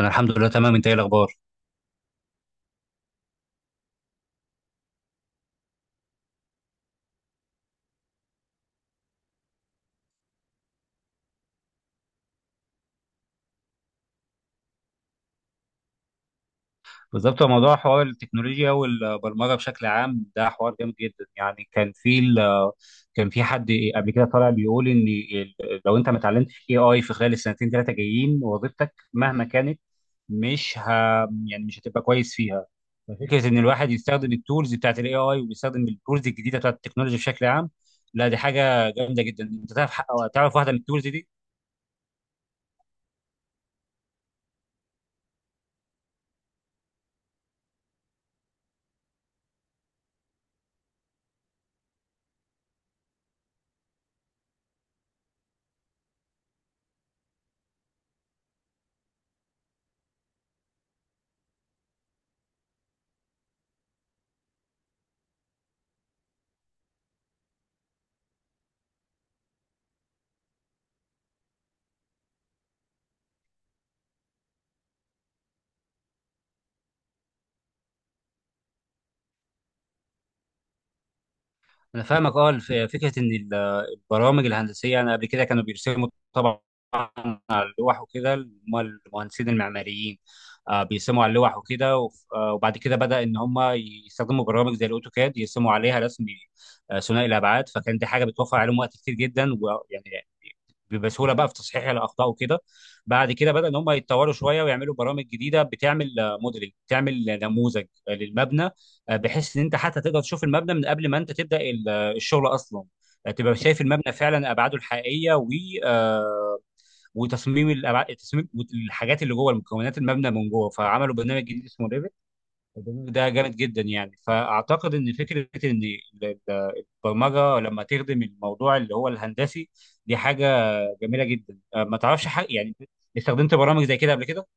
انا الحمد لله تمام. انت ايه الاخبار؟ بالظبط، هو موضوع حوار التكنولوجيا والبرمجه بشكل عام ده حوار جامد جدا يعني. كان في حد قبل كده طالع بيقول لو انت ما اتعلمتش اي اي في خلال السنتين ثلاثه جايين، وظيفتك مهما كانت مش ه... يعني مش هتبقى كويس فيها. ففكره ان الواحد يستخدم التولز بتاعت الاي اي ويستخدم التولز الجديده بتاعت التكنولوجيا بشكل عام، لا دي حاجه جامده جدا. انت تعرف. تعرف واحده من التولز دي؟ انا فاهمك، اه. فكره ان البرامج الهندسيه، انا قبل كده كانوا بيرسموا طبعا على اللوح وكده هم المهندسين المعماريين. بيرسموا على اللوح وكده وبعد كده بدا ان هم يستخدموا برامج زي الاوتوكاد، يرسموا عليها رسم ثنائي الابعاد. فكان دي حاجه بتوفر عليهم وقت كتير جدا، ويعني بسهوله بقى في تصحيح الاخطاء وكده. بعد كده بدا ان هم يتطوروا شويه ويعملوا برامج جديده بتعمل موديلنج، بتعمل نموذج للمبنى. بحيث ان انت حتى تقدر تشوف المبنى من قبل ما انت تبدا الشغل اصلا، تبقى شايف المبنى فعلا، ابعاده الحقيقيه، و آه، وتصميم تصميم الحاجات اللي جوه، المكونات المبنى من جوه. فعملوا برنامج جديد اسمه ريفت. البرنامج ده جامد جدا يعني. فاعتقد ان فكره ان ال- البرمجه لما تخدم الموضوع اللي هو الهندسي، دي حاجه جميله جدا. ما تعرفش حق يعني؟ استخدمت برامج زي كده قبل كده؟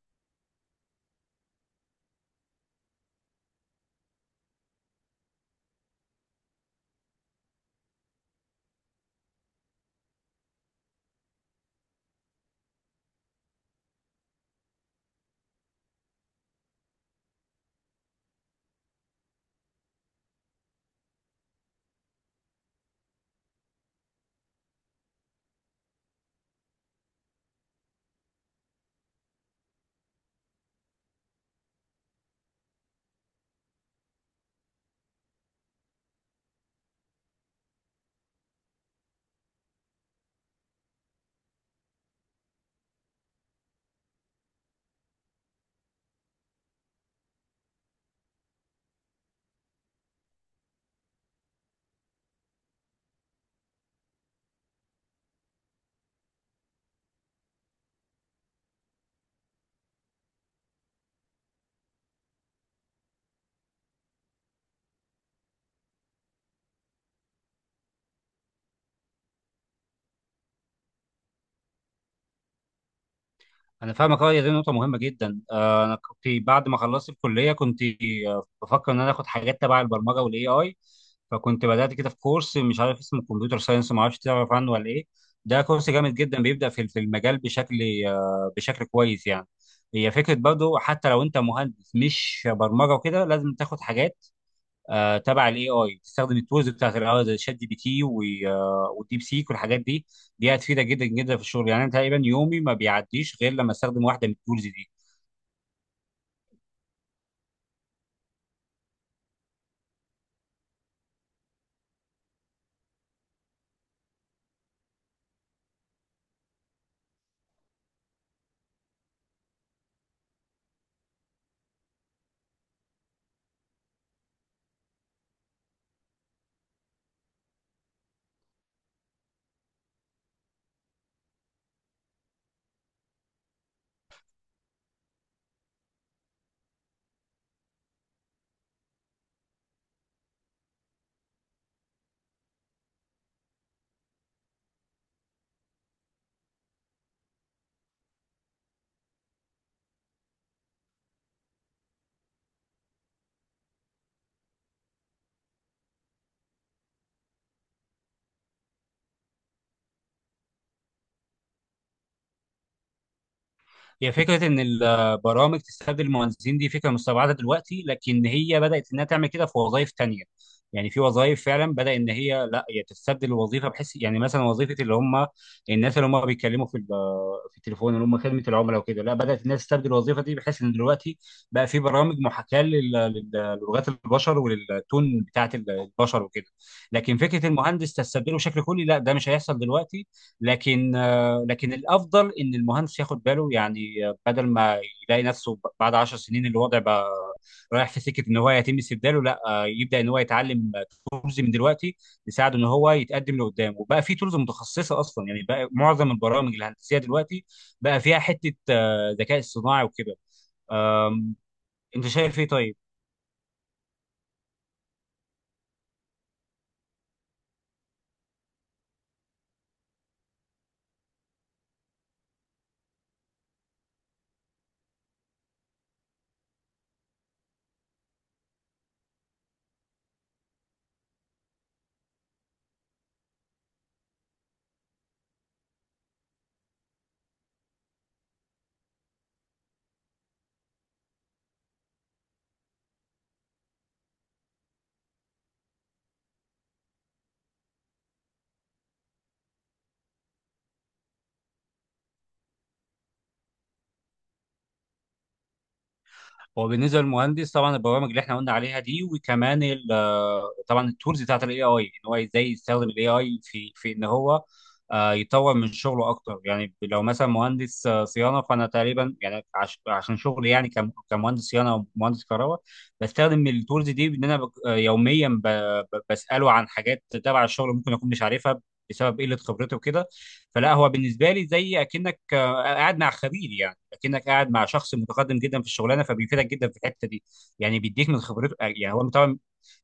انا فاهمك، اه. هي دي نقطه مهمه جدا. انا كنت بعد ما خلصت الكليه كنت بفكر ان انا اخد حاجات تبع البرمجه والاي اي. فكنت بدات كده في كورس، مش عارف اسمه كمبيوتر ساينس، ما اعرفش، تعرف عنه ولا ايه؟ ده كورس جامد جدا، بيبدا في المجال بشكل كويس يعني. هي فكره برضه، حتى لو انت مهندس مش برمجه وكده، لازم تاخد حاجات تبع الاي اي، تستخدم التولز بتاعت الاي اي زي شات جي بي تي والديب سيك والحاجات دي. دي هتفيدك جدا جدا في الشغل. يعني انا تقريبا يومي ما بيعديش غير لما استخدم واحده من التولز دي. هي فكرة إن البرامج تستبدل المهندسين دي فكرة مستبعدة دلوقتي، لكن هي بدأت إنها تعمل كده في وظائف تانية. يعني في وظائف فعلا بدأ إن هي، لا هي تستبدل الوظيفة، بحيث يعني مثلا وظيفة اللي هم الناس اللي هم بيتكلموا في التليفون، اللي هم خدمة العملاء وكده، لا بدأت الناس تستبدل الوظيفة دي، بحيث إن دلوقتي بقى في برامج محاكاة للغات البشر وللتون بتاعت البشر وكده. لكن فكرة المهندس تستبدله بشكل كلي، لا ده مش هيحصل دلوقتي. لكن لكن الافضل ان المهندس ياخد باله يعني، بدل ما يلاقي نفسه بعد 10 سنين الوضع بقى رايح في سكه ان هو يتم استبداله. لا، يبدا ان هو يتعلم تولز من دلوقتي، يساعده ان هو يتقدم لقدام. وبقى في تولز متخصصه اصلا. يعني بقى معظم البرامج الهندسيه دلوقتي بقى فيها حته ذكاء اصطناعي وكده. آم، انت شايف ايه طيب؟ هو بالنسبه للمهندس طبعا البرامج اللي احنا قلنا عليها دي، وكمان طبعا التولز بتاعت الاي اي، ان هو ازاي يستخدم الاي اي في ان هو يطور من شغله اكتر. يعني لو مثلا مهندس صيانه، فانا تقريبا يعني عشان شغلي، يعني كمهندس صيانه او مهندس كهرباء، بستخدم التولز دي. ان انا يوميا بساله عن حاجات تبع الشغل ممكن اكون مش عارفها بسبب قله خبرته وكده. فلا، هو بالنسبه لي زي اكنك قاعد مع خبير يعني. لكنك قاعد مع شخص متقدم جدا في الشغلانه، فبيفيدك جدا في الحته دي. يعني بيديك من خبرته يعني. هو طبعا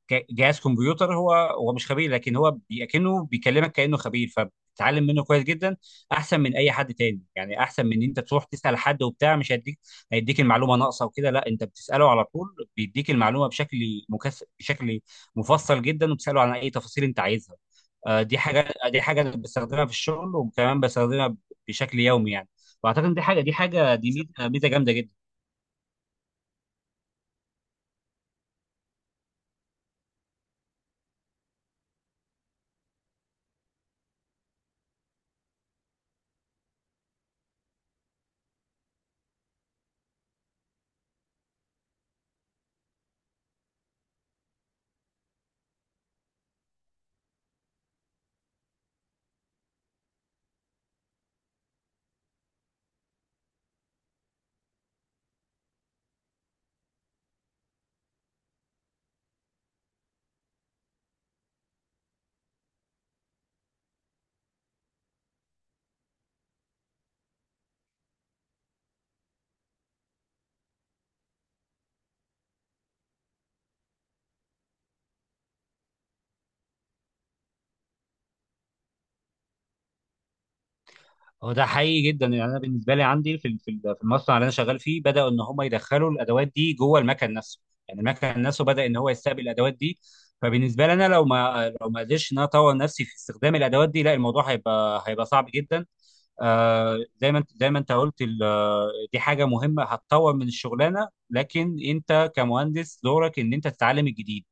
جهاز كمبيوتر، هو مش خبير، لكن كأنه بيكلمك كأنه خبير، فبتتعلم منه كويس جدا. احسن من اي حد تاني يعني، احسن من ان انت تروح تسأل حد وبتاع، مش هيديك، هيديك المعلومة ناقصة وكده. لا، انت بتسأله على طول، بيديك المعلومة بشكل مفصل جدا، وبتسأله عن اي تفاصيل انت عايزها. دي حاجه أنا بستخدمها في الشغل، وكمان بستخدمها بشكل يومي يعني. واعتقد إن دي ميزة جامده جدا. هو ده حقيقي جدا يعني. انا بالنسبه لي عندي في المصنع اللي انا شغال فيه بداوا ان هم يدخلوا الادوات دي جوه المكن نفسه. يعني المكن نفسه بدا ان هو يستقبل الادوات دي. فبالنسبه لي، انا لو ما قدرتش ان انا اطور نفسي في استخدام الادوات دي، لا الموضوع هيبقى صعب جدا. زي ما انت قلت، دي حاجه مهمه هتطور من الشغلانه، لكن انت كمهندس دورك ان انت تتعلم الجديد.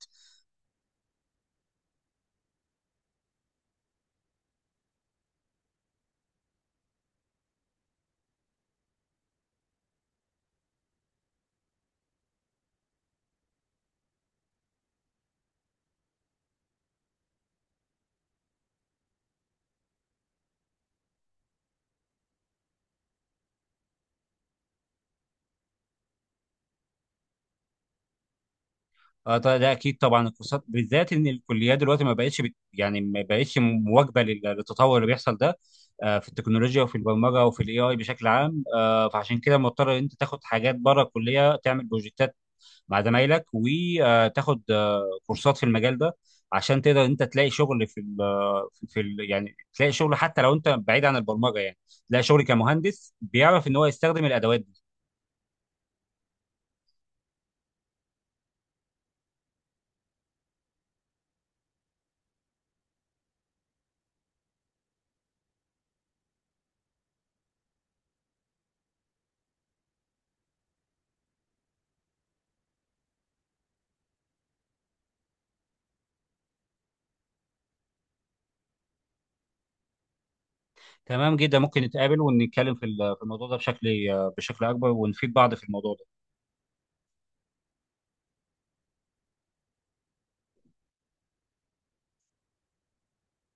اه طبعا ده اكيد. طبعا الكورسات بالذات، ان الكليات دلوقتي ما بقتش مواكبه للتطور اللي بيحصل ده. في التكنولوجيا وفي البرمجه وفي الاي اي بشكل عام. فعشان كده مضطر ان انت تاخد حاجات بره الكليه، تعمل بروجكتات مع زمايلك وتاخد كورسات في المجال ده، عشان تقدر انت تلاقي شغل في ال في في ال يعني تلاقي شغل، حتى لو انت بعيد عن البرمجه يعني، تلاقي شغل كمهندس بيعرف ان هو يستخدم الادوات. تمام جدا، ممكن نتقابل ونتكلم في الموضوع ده بشكل اكبر، ونفيد بعض في الموضوع ده.